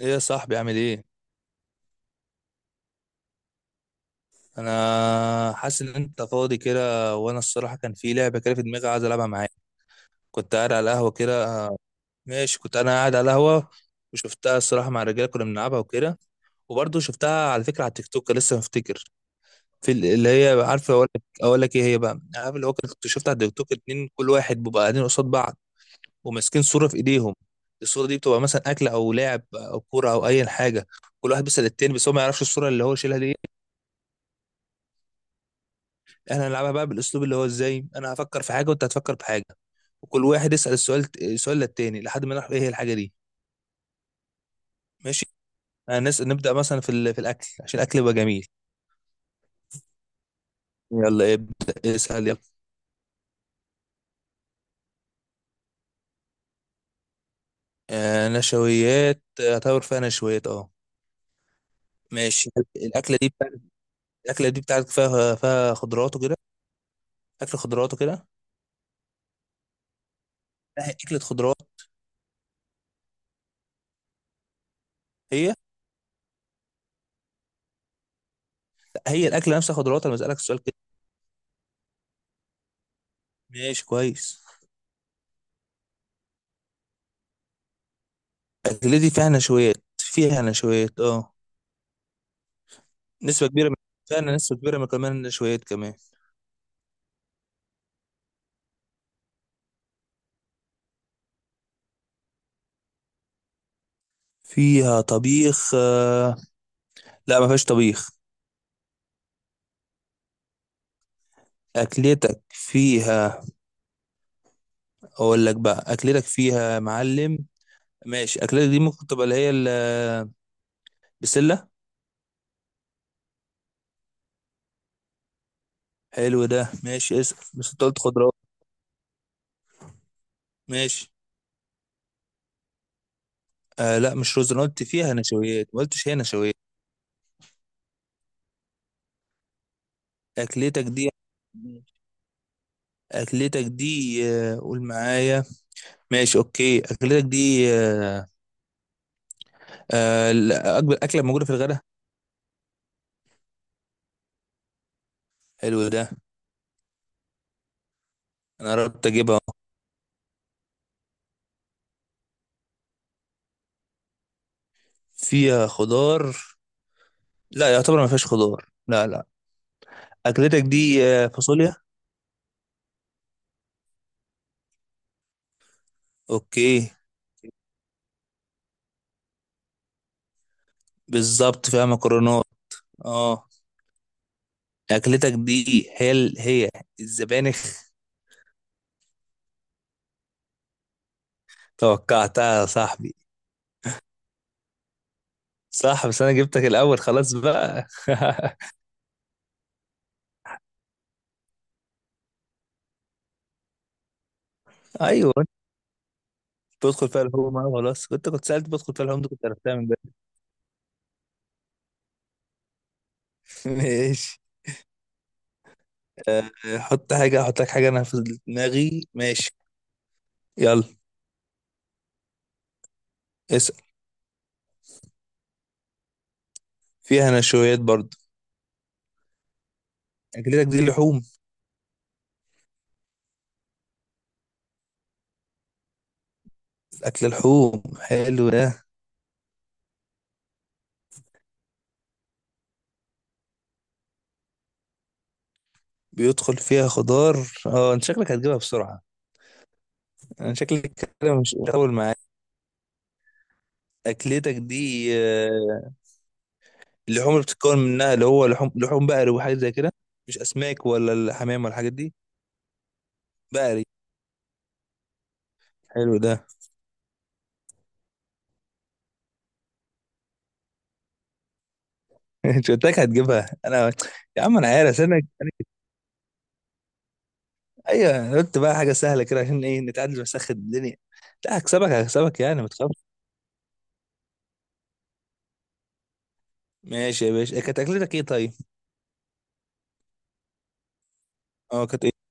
ايه يا صاحبي؟ عامل ايه؟ انا حاسس ان انت فاضي كده، وانا الصراحه كان في لعبه كده في دماغي عايز العبها معاك. كنت قاعد على القهوه كده، ماشي، كنت انا قاعد على القهوه وشفتها الصراحه مع الرجاله، كنا بنلعبها وكده. وبرضه شفتها على فكره على التيك توك، لسه مفتكر. اللي هي، عارف، اقول لك ايه هي بقى، عارف اللي هو كنت شفتها على التيك توك. اتنين كل واحد بيبقى قاعدين قصاد بعض وماسكين صوره في ايديهم. الصوره دي بتبقى مثلا اكل او لعب او كوره او اي حاجه. كل واحد بيسال التاني، بس هو ما يعرفش الصوره اللي هو شايلها دي. احنا هنلعبها بقى بالاسلوب اللي هو ازاي، انا هفكر في حاجه وانت هتفكر في حاجه، وكل واحد يسال السؤال للتاني لحد ما نعرف ايه هي الحاجه دي. ماشي. نبدا مثلا في الاكل عشان الاكل يبقى جميل. يلا ابدا اسال، يلا. آه نشويات، اعتبر فيها نشويات، اه. ماشي، الاكله دي بتاعت، الاكله دي بتاعتك فيها خضروات وكده، اكل خضروات وكده. لا، هي اكله خضروات. هي، الاكله نفسها خضروات، انا بسالك السؤال كده. ماشي، كويس. الاكله دي فيها نشويات، اه. نسبة كبيرة من السمنة، نسبة كبيرة من كمان النشويات كمان. فيها طبيخ آه، لا، ما فيهاش طبيخ. أكلتك فيها، أقول لك بقى أكلتك فيها يا معلم. ماشي، أكلتك دي ممكن تبقى البسلة. حلو ده، ماشي، اسأل، بس أنت قلت خضروات. ماشي، آه لا، مش رز، أنا قلت فيها نشويات، ما قلتش هي نشويات. أكلتك دي، أكلتك دي آه، قول معايا. ماشي، أوكي، أكلتك دي، آه، آه، الأكبر أكلة موجودة في الغداء. حلو ده، انا قربت اجيبها. فيها خضار، لا، يعتبر ما فيهاش خضار، لا لا. اكلتك دي آه، فاصوليا. اوكي. بالظبط فيها مكرونات، اه. اكلتك دي هي هي الزبانخ. توقعتها يا صاحبي. صح، بس انا جبتك الاول خلاص بقى. ايوه، بدخل فيها الهوم أهو، خلاص، كنت سالت بدخل فيها الهوم دي، كنت عرفتها من بدري. ماشي. آه، حط حاجه، احط لك حاجه انا في دماغي، ماشي. يلا، اسال. فيها نشويات برضو. اكلتك دي لحوم. أكل لحوم، حلو ده. بيدخل فيها خضار. اه، انت شكلك هتجيبها بسرعة، انا شكلك كده مش هطول معاك. أكلتك دي آه، اللحوم اللي بتتكون منها اللي هو لحوم، بقري وحاجة زي كده، مش أسماك ولا الحمام ولا الحاجات دي. بقري. حلو ده. انت قلت لك هتجيبها انا. يا عم، انا عارف انا. ايوه، أنا قلت بقى حاجة سهلة كده عشان ايه، نتعادل ونسخن الدنيا. لا، هكسبك، يعني ما تخافش. ماشي يا باشا، كانت أكلتك ايه طيب؟ اه، كانت ايه؟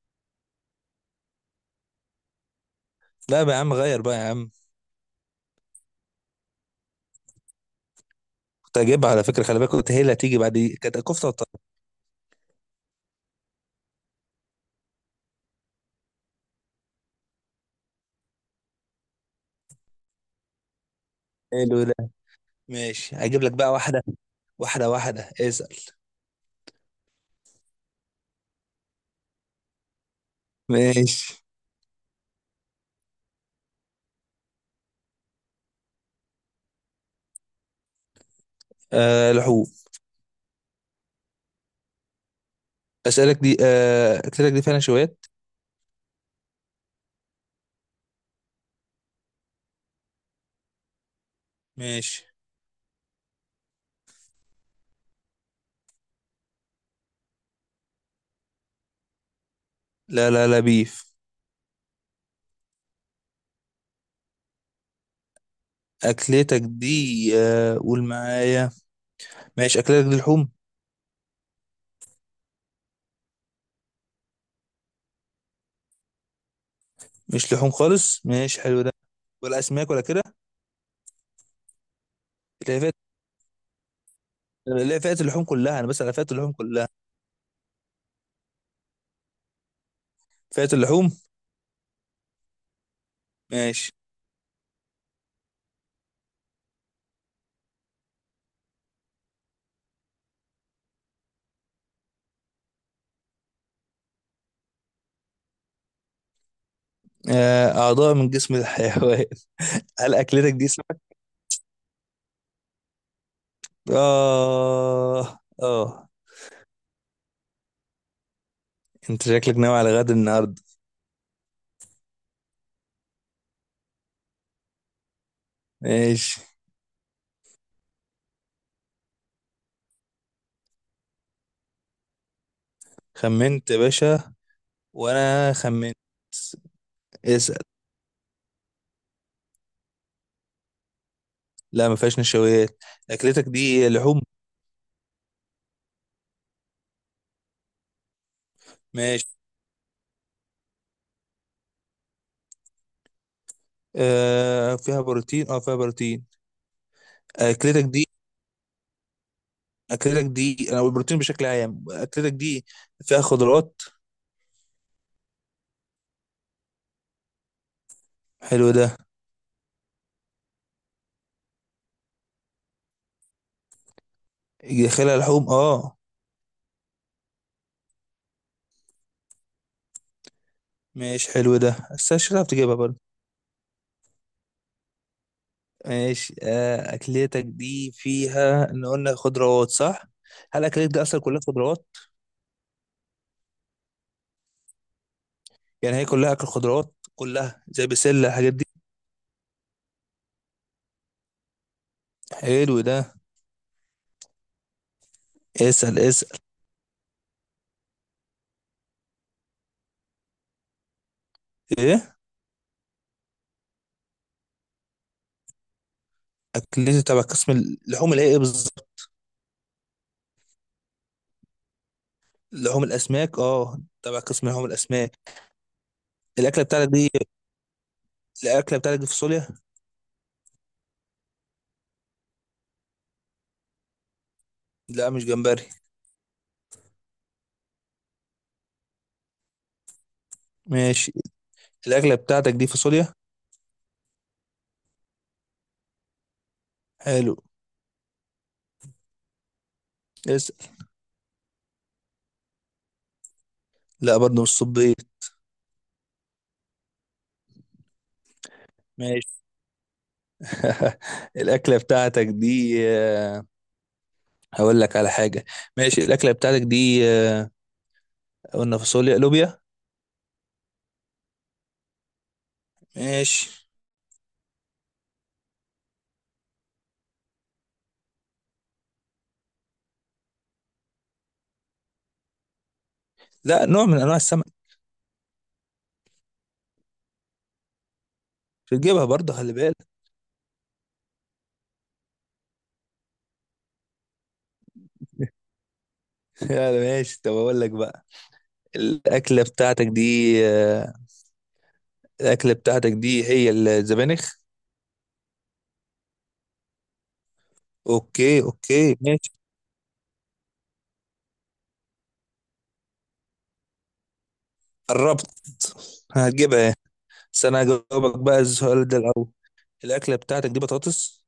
لا بقى يا عم، غير بقى يا عم. كنت هجيبها على فكرة، خلي بالك، قلت هي اللي هتيجي بعد دي. كانت كفتة وطرب. حلو ده. ماشي، هجيب لك بقى واحدة واحدة، واحدة اسأل. ماشي، آه لحوم. أسألك دي آه، أكلتك دي فعلا شويات. ماشي. لا لا لا، بيف. أكلتك دي آه، قول معايا. ماشي، أكلتك دي لحوم. مش لحوم خالص، ماشي، حلو ده، ولا أسماك ولا كده. لا، فئة، اللحوم كلها، أنا بس على فئة اللحوم كلها. فئة اللحوم. ماشي. آه، أعضاء من جسم الحيوان. هل أكلتك دي آه، آه. أنت شكلك ناوي على غد النهاردة. ماشي. خمنت يا باشا، وأنا خمنت. اسأل. لا، ما فيهاش نشويات. أكلتك دي لحوم. ماشي، آه فيها بروتين، أه فيها بروتين. أكلتك دي، أكلتك دي، أنا بقول بروتين بشكل عام. أكلتك دي فيها خضروات. حلو ده. داخلها لحوم، أه. ماشي، حلو ده، بس مش هتعرف تجيبها برضه. ماشي، آه، أكلتك دي فيها، إن قلنا خضروات صح؟ هل أكلتك دي أصلا كلها خضروات؟ يعني هي كلها اكل خضروات، كلها زي بسله الحاجات دي. حلو ده. اسال اسال. ايه؟ اكلتي تبع قسم اللحوم اللي هي ايه بالظبط؟ لحوم الاسماك، اه، تبع قسم لحوم الاسماك. الاكله بتاعتك دي، الاكله بتاعتك دي فاصوليا. لا مش جمبري. ماشي. الاكله بتاعتك دي فاصوليا. حلو. اسال. لا برضه مش صبيط. ماشي. الاكله بتاعتك دي آه، هقول لك على حاجه. ماشي، الاكله بتاعتك دي آه، قلنا فاصوليا، لوبيا. ماشي. لا، نوع من انواع السمك. بتجيبها برضه، خلي بالك. لا لا، ماشي، طب اقول لك بقى. الاكله بتاعتك دي آه، الاكله بتاعتك دي هي الزبانخ. اوكي اوكي، ماشي. قربت. هتجيبها إيه؟ بس انا هجاوبك بقى السؤال ده الاول. الاكله بتاعتك دي بطاطس.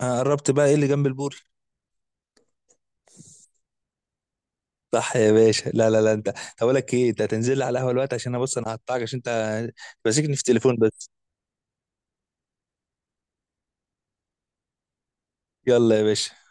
آه، قربت بقى، ايه اللي جنب البوري؟ صح يا باشا. لا لا لا، انت طب، اقول لك ايه، انت هتنزل لي على القهوه دلوقتي، عشان انا بص، انا هقطعك عشان انت ماسكني في التليفون بس. يلا يا باشا.